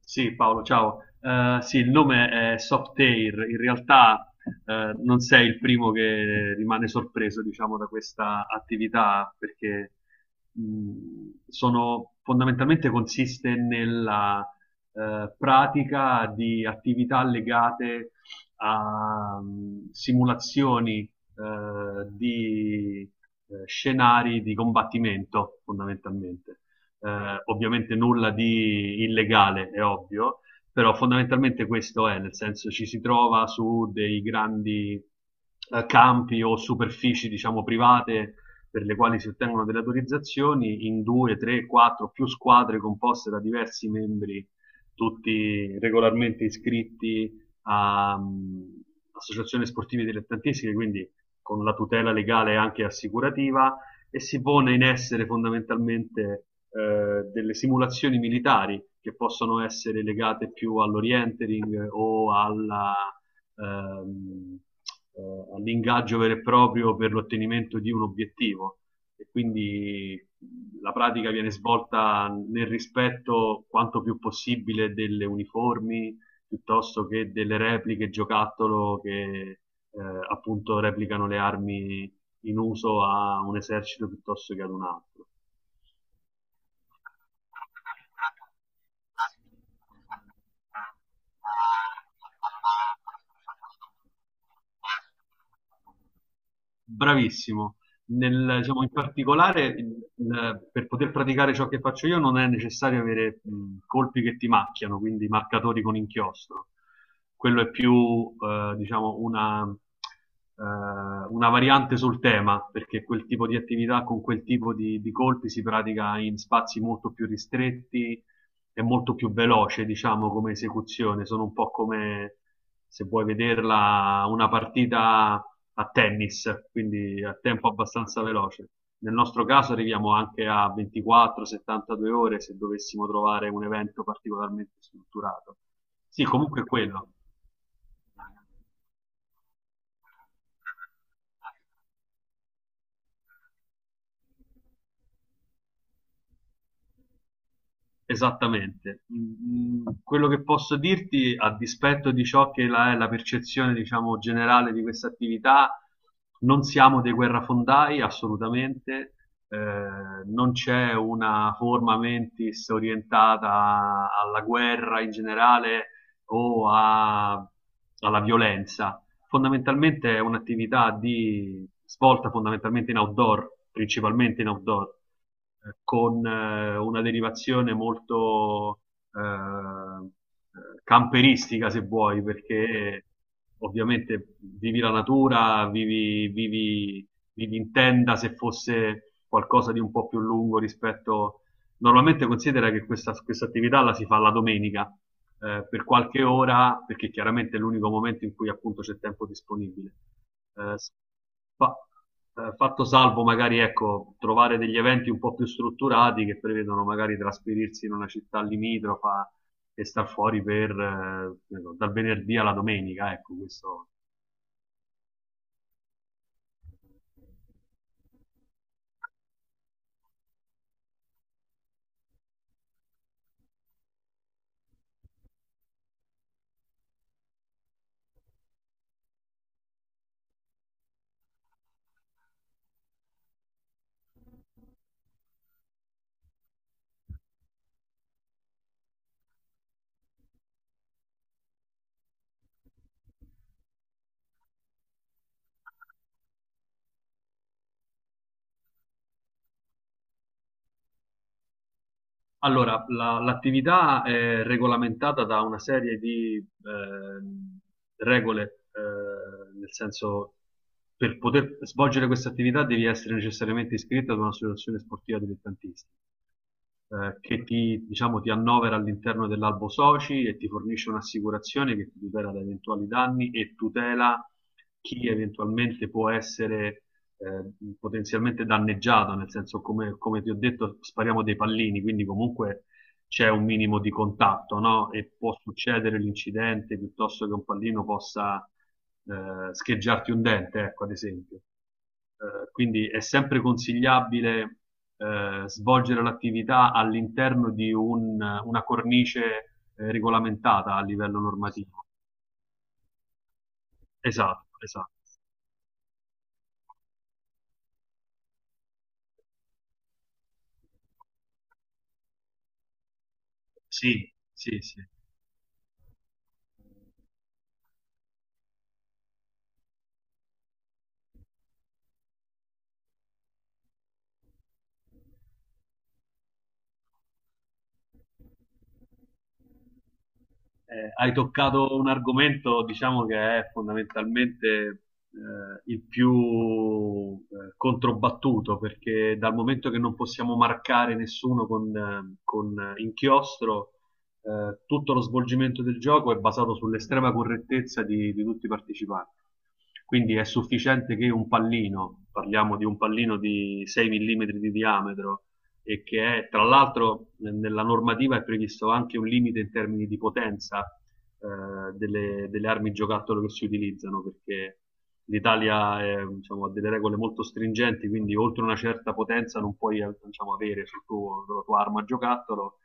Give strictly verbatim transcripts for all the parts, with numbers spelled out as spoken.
Sì, Paolo, ciao. Eh, sì, il nome è Softair. In realtà eh, non sei il primo che rimane sorpreso, diciamo, da questa attività, perché mh, sono, fondamentalmente consiste nella eh, pratica di attività legate a mh, simulazioni eh, di eh, scenari di combattimento, fondamentalmente. Eh, ovviamente nulla di illegale, è ovvio, però fondamentalmente questo è, nel senso ci si trova su dei grandi eh, campi o superfici, diciamo, private per le quali si ottengono delle autorizzazioni in due, tre, quattro, più squadre composte da diversi membri, tutti regolarmente iscritti a um, associazioni sportive dilettantistiche, quindi con la tutela legale anche assicurativa e si pone in essere fondamentalmente eh, delle simulazioni militari che possono essere legate più all'orientering o alla, ehm, eh, all'ingaggio vero e proprio per l'ottenimento di un obiettivo. E quindi la pratica viene svolta nel rispetto quanto più possibile delle uniformi piuttosto che delle repliche giocattolo che eh, appunto replicano le armi in uso a un esercito piuttosto che ad un altro. Bravissimo. Nel- diciamo, in particolare, il- il- per poter praticare ciò che faccio io non è necessario avere mh, colpi che ti macchiano, quindi marcatori con inchiostro. Quello è più, eh, diciamo, una, eh, una variante sul tema, perché quel tipo di attività con quel tipo di, di colpi si pratica in spazi molto più ristretti, è molto più veloce, diciamo, come esecuzione. Sono un po' come se vuoi vederla una partita a tennis, quindi a tempo abbastanza veloce. Nel nostro caso arriviamo anche a ventiquattro settantadue ore se dovessimo trovare un evento particolarmente strutturato. Sì, comunque è quello. Esattamente. Mm, mm, quello che posso dirti, a dispetto di ciò che la- è la percezione, diciamo, generale di questa attività, non siamo dei guerrafondai, assolutamente. Eh, Non c'è una forma mentis orientata alla guerra in generale o a- alla violenza. Fondamentalmente è un'attività di svolta fondamentalmente in outdoor, principalmente in outdoor, eh, con eh, una derivazione molto eh, camperistica, se vuoi, perché ovviamente vivi la natura, vivi, vivi, vivi in tenda se fosse qualcosa di un po' più lungo rispetto. Normalmente considera che questa, questa attività la si fa la domenica eh, per qualche ora, perché chiaramente è l'unico momento in cui appunto c'è tempo disponibile. Eh, s- fa- eh, Fatto salvo magari ecco, trovare degli eventi un po' più strutturati che prevedono magari trasferirsi in una città limitrofa e star fuori per, eh, che ne so, dal venerdì alla domenica, ecco, questo. Allora, la- l'attività è regolamentata da una serie di ehm, regole, eh, nel senso per poter svolgere questa attività devi essere necessariamente iscritto ad un'associazione sportiva dilettantistica, eh, che ti, diciamo, ti annovera all'interno dell'albo soci e ti fornisce un'assicurazione che ti tutela da eventuali danni e tutela chi eventualmente può essere eh, potenzialmente danneggiato, nel senso come, come ti ho detto spariamo dei pallini, quindi comunque c'è un minimo di contatto, no? E può succedere l'incidente piuttosto che un pallino possa eh, scheggiarti un dente, ecco, ad esempio. Eh, quindi è sempre consigliabile eh, svolgere l'attività all'interno di un- una cornice eh, regolamentata a livello normativo. Esatto, esatto. Sì, sì, sì. Eh, hai toccato un argomento, diciamo, che è fondamentalmente eh, il più eh, controbattuto, perché dal momento che non possiamo marcare nessuno con, eh, con inchiostro, eh, tutto lo svolgimento del gioco è basato sull'estrema correttezza di, di tutti i partecipanti. Quindi è sufficiente che un pallino, parliamo di un pallino di sei millimetri di diametro, e che è tra l'altro nella normativa è previsto anche un limite in termini di potenza eh, delle, delle, armi giocattolo che si utilizzano, perché l'Italia è, diciamo, ha delle regole molto stringenti, quindi oltre una certa potenza non puoi diciamo, avere sul tuo, sulla tua arma giocattolo.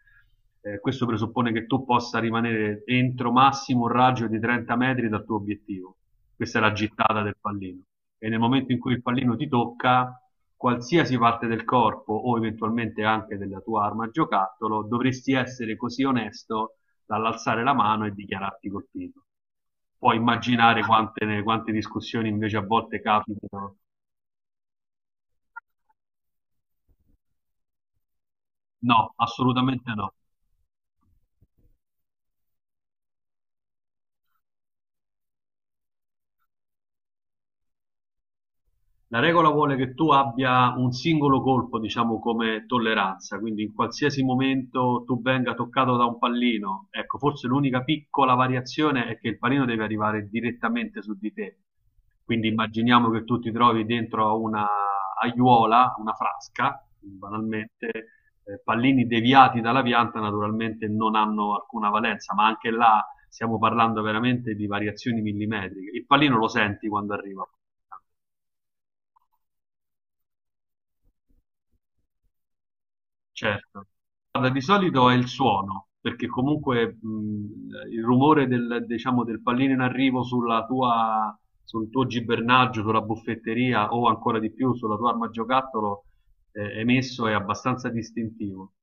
Eh, questo presuppone che tu possa rimanere entro massimo un raggio di trenta metri dal tuo obiettivo. Questa è la gittata del pallino. E nel momento in cui il pallino ti tocca, qualsiasi parte del corpo o eventualmente anche della tua arma giocattolo, dovresti essere così onesto dall'alzare la mano e dichiararti colpito. Puoi immaginare quante, quante discussioni invece a volte capitano. No, assolutamente no. La regola vuole che tu abbia un singolo colpo, diciamo, come tolleranza, quindi in qualsiasi momento tu venga toccato da un pallino, ecco, forse l'unica piccola variazione è che il pallino deve arrivare direttamente su di te. Quindi immaginiamo che tu ti trovi dentro a una aiuola, una frasca, banalmente, eh, pallini deviati dalla pianta naturalmente non hanno alcuna valenza, ma anche là stiamo parlando veramente di variazioni millimetriche. Il pallino lo senti quando arriva. Certo. Guarda, di solito è il suono, perché comunque mh, il rumore del, diciamo, del pallino in arrivo sulla tua, sul tuo gibernaggio, sulla buffetteria o ancora di più sulla tua arma giocattolo eh, emesso è abbastanza distintivo.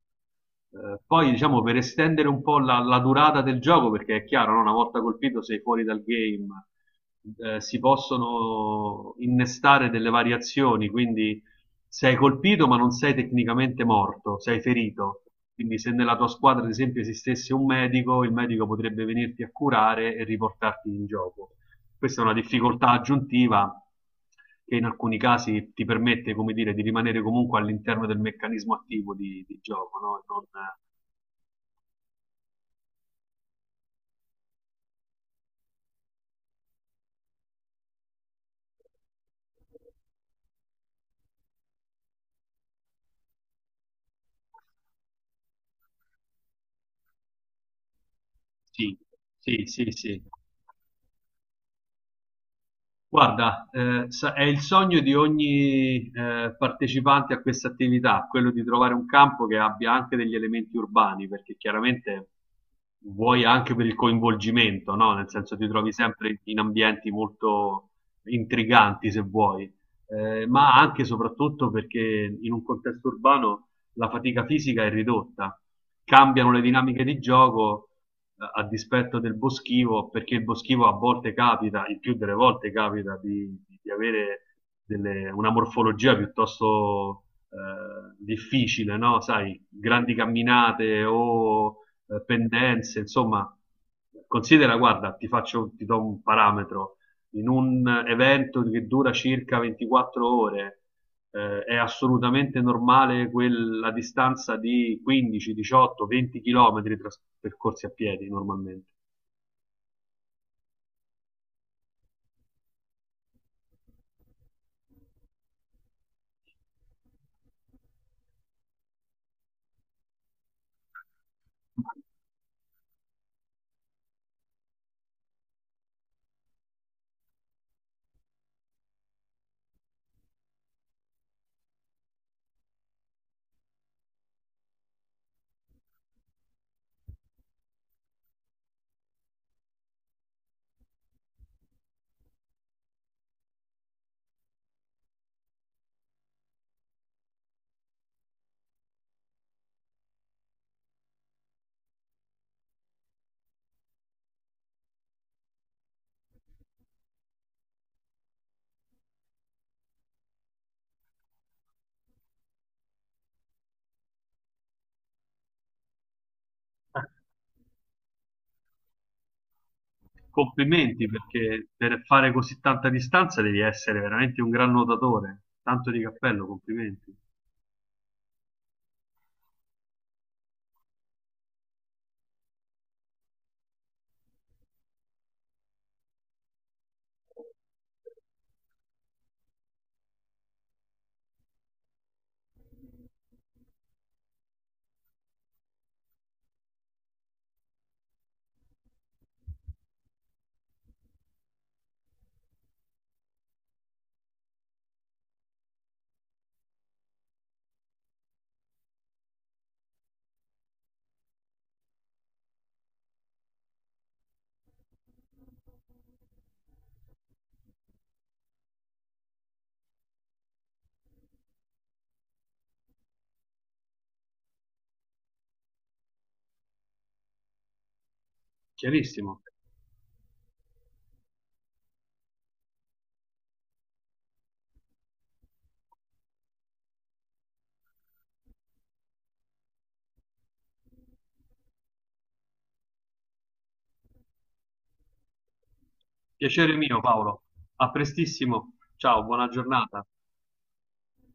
Eh, poi, diciamo, per estendere un po' la, la durata del gioco, perché è chiaro, no? Una volta colpito sei fuori dal game, eh, si possono innestare delle variazioni, quindi sei colpito ma non sei tecnicamente morto, sei ferito. Quindi se nella tua squadra, ad esempio, esistesse un medico, il medico potrebbe venirti a curare e riportarti in gioco. Questa è una difficoltà aggiuntiva che in alcuni casi ti permette, come dire, di rimanere comunque all'interno del meccanismo attivo di, di gioco, no? Non- Sì, sì, sì, sì. Guarda, eh, sa- è il sogno di ogni eh, partecipante a questa attività, quello di trovare un campo che abbia anche degli elementi urbani, perché chiaramente vuoi anche per il coinvolgimento, no? Nel senso ti trovi sempre in ambienti molto intriganti, se vuoi, eh, ma anche e soprattutto perché in un contesto urbano la fatica fisica è ridotta, cambiano le dinamiche di gioco eh, a dispetto del boschivo, perché il boschivo a volte capita, il più delle volte capita, di, di avere delle, una morfologia piuttosto eh, difficile, no? Sai, grandi camminate o eh, pendenze, insomma, considera, guarda, ti faccio, ti do un parametro, in un evento che dura circa ventiquattro ore, eh, è assolutamente normale quella distanza di quindici, diciotto, venti chilometri tras- percorsi a piedi normalmente. Complimenti perché per fare così tanta distanza devi essere veramente un gran nuotatore. Tanto di cappello, complimenti. Chiarissimo. Piacere mio, Paolo. A prestissimo. Ciao, buona giornata.